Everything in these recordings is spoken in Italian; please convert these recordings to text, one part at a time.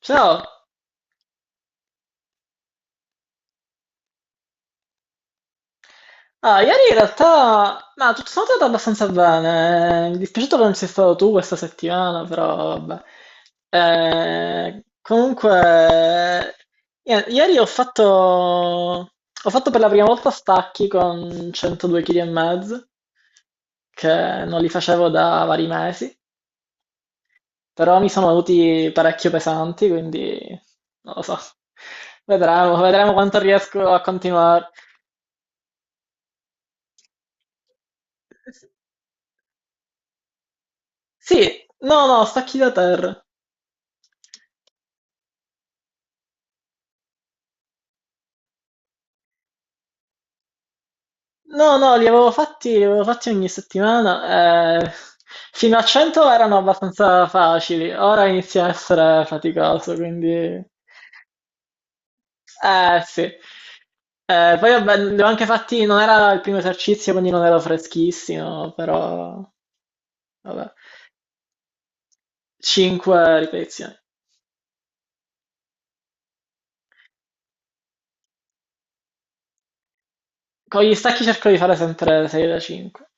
Ciao! Ah, ieri in realtà, ma tutto sommato è andato abbastanza bene. Mi dispiace che non sei stato tu questa settimana, però vabbè. Comunque, ieri ho fatto per la prima volta stacchi con 102 kg e mezzo, che non li facevo da vari mesi, però mi sono venuti parecchio pesanti, quindi non lo so. Vedremo quanto riesco a continuare. Sì, no, no, stacchi da terra. No, no, li avevo fatti ogni settimana. Fino a 100 erano abbastanza facili, ora inizia a essere faticoso, quindi. Sì. Poi vabbè, li ho anche fatti, non era il primo esercizio, quindi non ero freschissimo, però. Vabbè. 5 ripetizioni. Con gli stacchi cerco di fare sempre 6 da 5.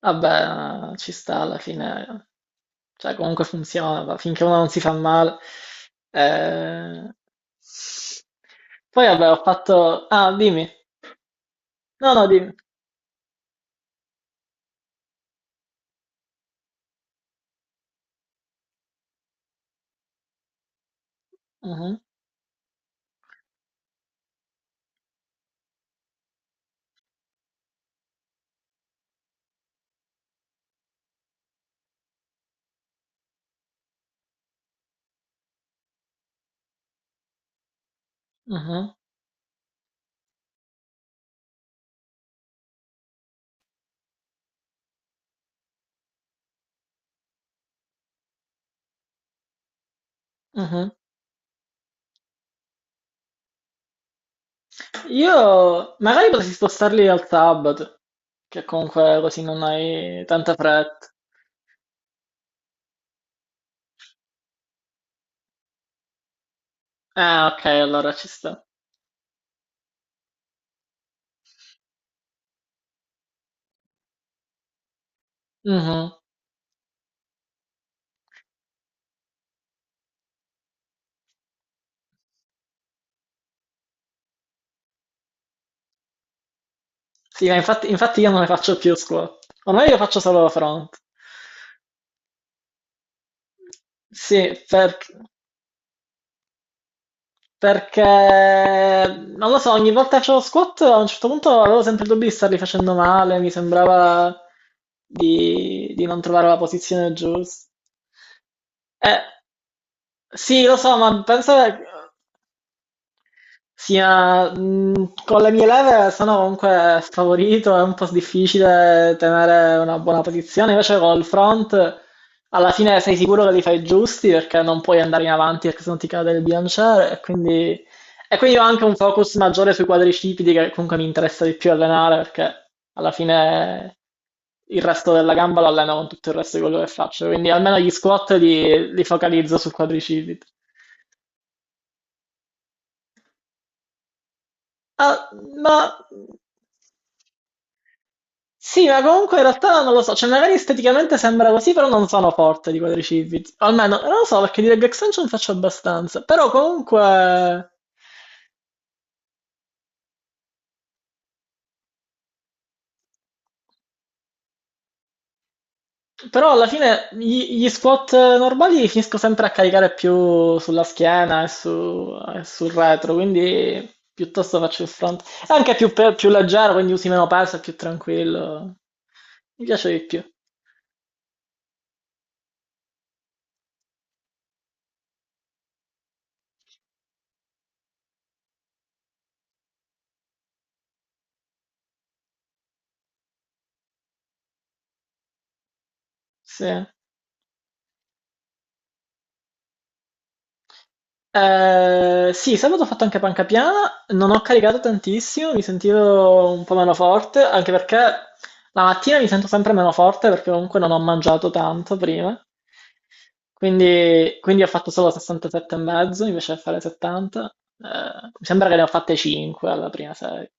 Vabbè, ci sta alla fine, cioè comunque funziona, finché uno non si fa male. Eh, Poi vabbè, ho fatto. Ah, dimmi. No, no, dimmi. Mhm, mhm, mhm. Io magari potresti spostarli al sabato, che comunque così non hai tanta fretta. Ah, ok, allora ci sta. Mhm. Sì, ma infatti io non ne faccio più squat. Ormai io faccio solo front. Sì. Perché non lo so, ogni volta che facevo squat a un certo punto avevo sempre il dubbio di starli facendo male, mi sembrava di non trovare la posizione giusta. Eh, sì, lo so, ma penso che sì, ma, con le mie leve sono comunque sfavorito, è un po' difficile tenere una buona posizione, invece col front alla fine sei sicuro che li fai giusti perché non puoi andare in avanti perché sennò ti cade il bilanciere e quindi ho anche un focus maggiore sui quadricipiti che comunque mi interessa di più allenare perché alla fine il resto della gamba lo alleno con tutto il resto di quello che faccio, quindi almeno gli squat li focalizzo sul quadricipite. Ah, ma Sì, ma comunque in realtà non lo so, cioè magari esteticamente sembra così, però non sono forte di quadricipiti. Almeno, non lo so, perché di leg extension faccio abbastanza. Però comunque. Però alla fine gli squat normali finisco sempre a caricare più sulla schiena e sul retro, quindi piuttosto faccio il front. È anche più leggero, quindi usi meno peso, è più tranquillo. Mi piace di più. Sì. Sì, sabato ho fatto anche panca piana, non ho caricato tantissimo, mi sentivo un po' meno forte, anche perché la mattina mi sento sempre meno forte perché comunque non ho mangiato tanto prima. Quindi ho fatto solo 67 e mezzo invece di fare 70. Mi sembra che ne ho fatte 5 alla prima serie.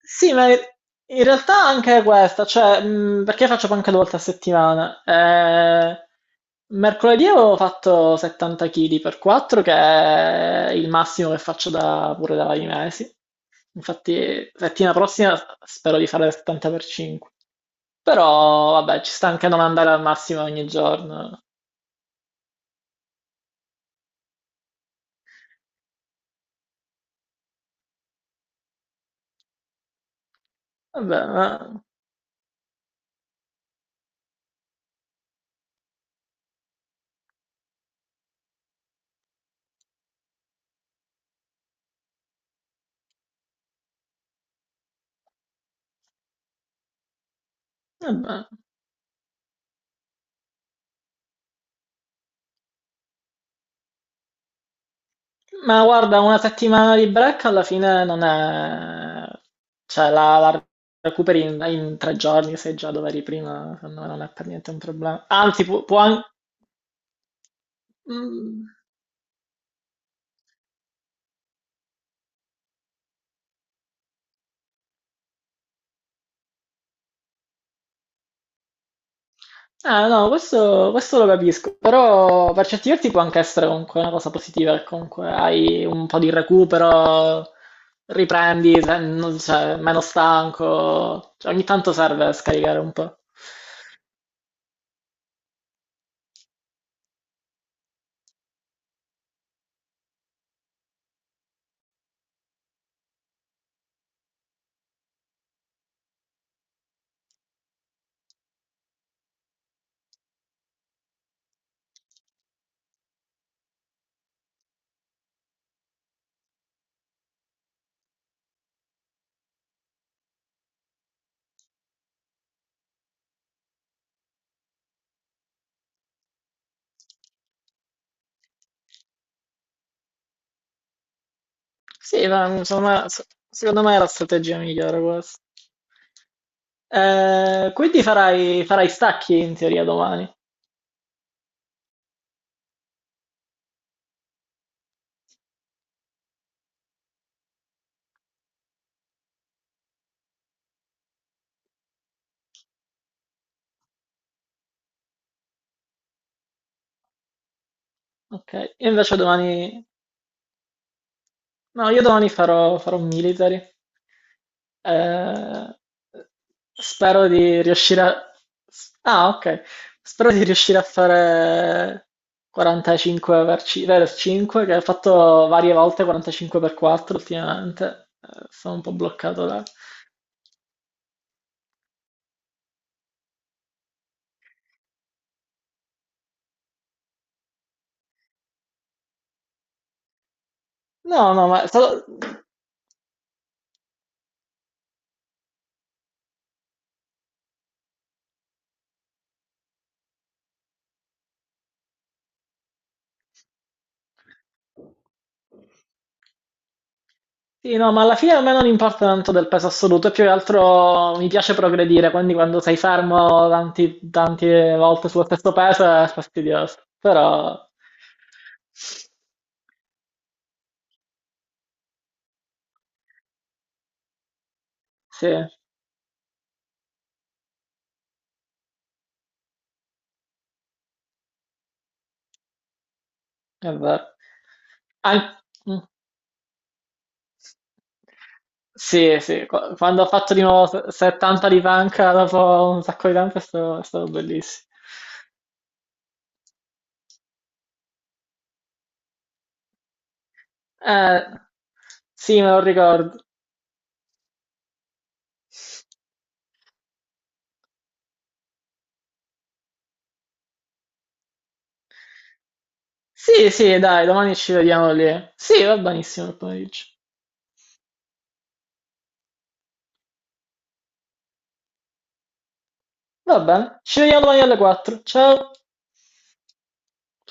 Sì, ma in realtà anche questa, cioè, perché faccio panca due volte a settimana? Mercoledì avevo fatto 70 kg per 4, che è il massimo che faccio pure da vari mesi. Infatti, settimana prossima spero di fare 70 per 5. Però, vabbè, ci sta anche non andare al massimo ogni giorno. Vabbè, vabbè. Ma guarda, una settimana di break alla fine non è. Cioè la recuperi in 3 giorni, sei già dove eri prima, secondo me non è per niente un problema. Anzi, può, anche. Ah no, questo lo capisco, però per certi versi può anche essere comunque una cosa positiva, che comunque hai un po' di recupero, riprendi, cioè, meno stanco, cioè, ogni tanto serve scaricare un po'. Sì, ma insomma, secondo me è la strategia migliore questa. Quindi farai stacchi in teoria domani. Ok, io invece domani. No, io domani farò military. Eh, spero di riuscire a. Ah, ok. Spero di riuscire a fare 45 per 5, che ho fatto varie volte 45 per 4 ultimamente. Sono un po' bloccato da. No, no, ma è stato. Sì, no, ma alla fine a me non importa tanto del peso assoluto, è più che altro mi piace progredire, quindi quando sei fermo tante volte sullo stesso peso è fastidioso, però sì, è vero. An- mm. Sì, sì, quando ho fatto di nuovo 70 di panca dopo un sacco di tempo è stato bellissimo. Eh, sì, me lo ricordo. Sì, sì, dai, domani ci vediamo lì. Sì, va benissimo il pomeriggio. Va bene, ci vediamo domani alle 4, ciao!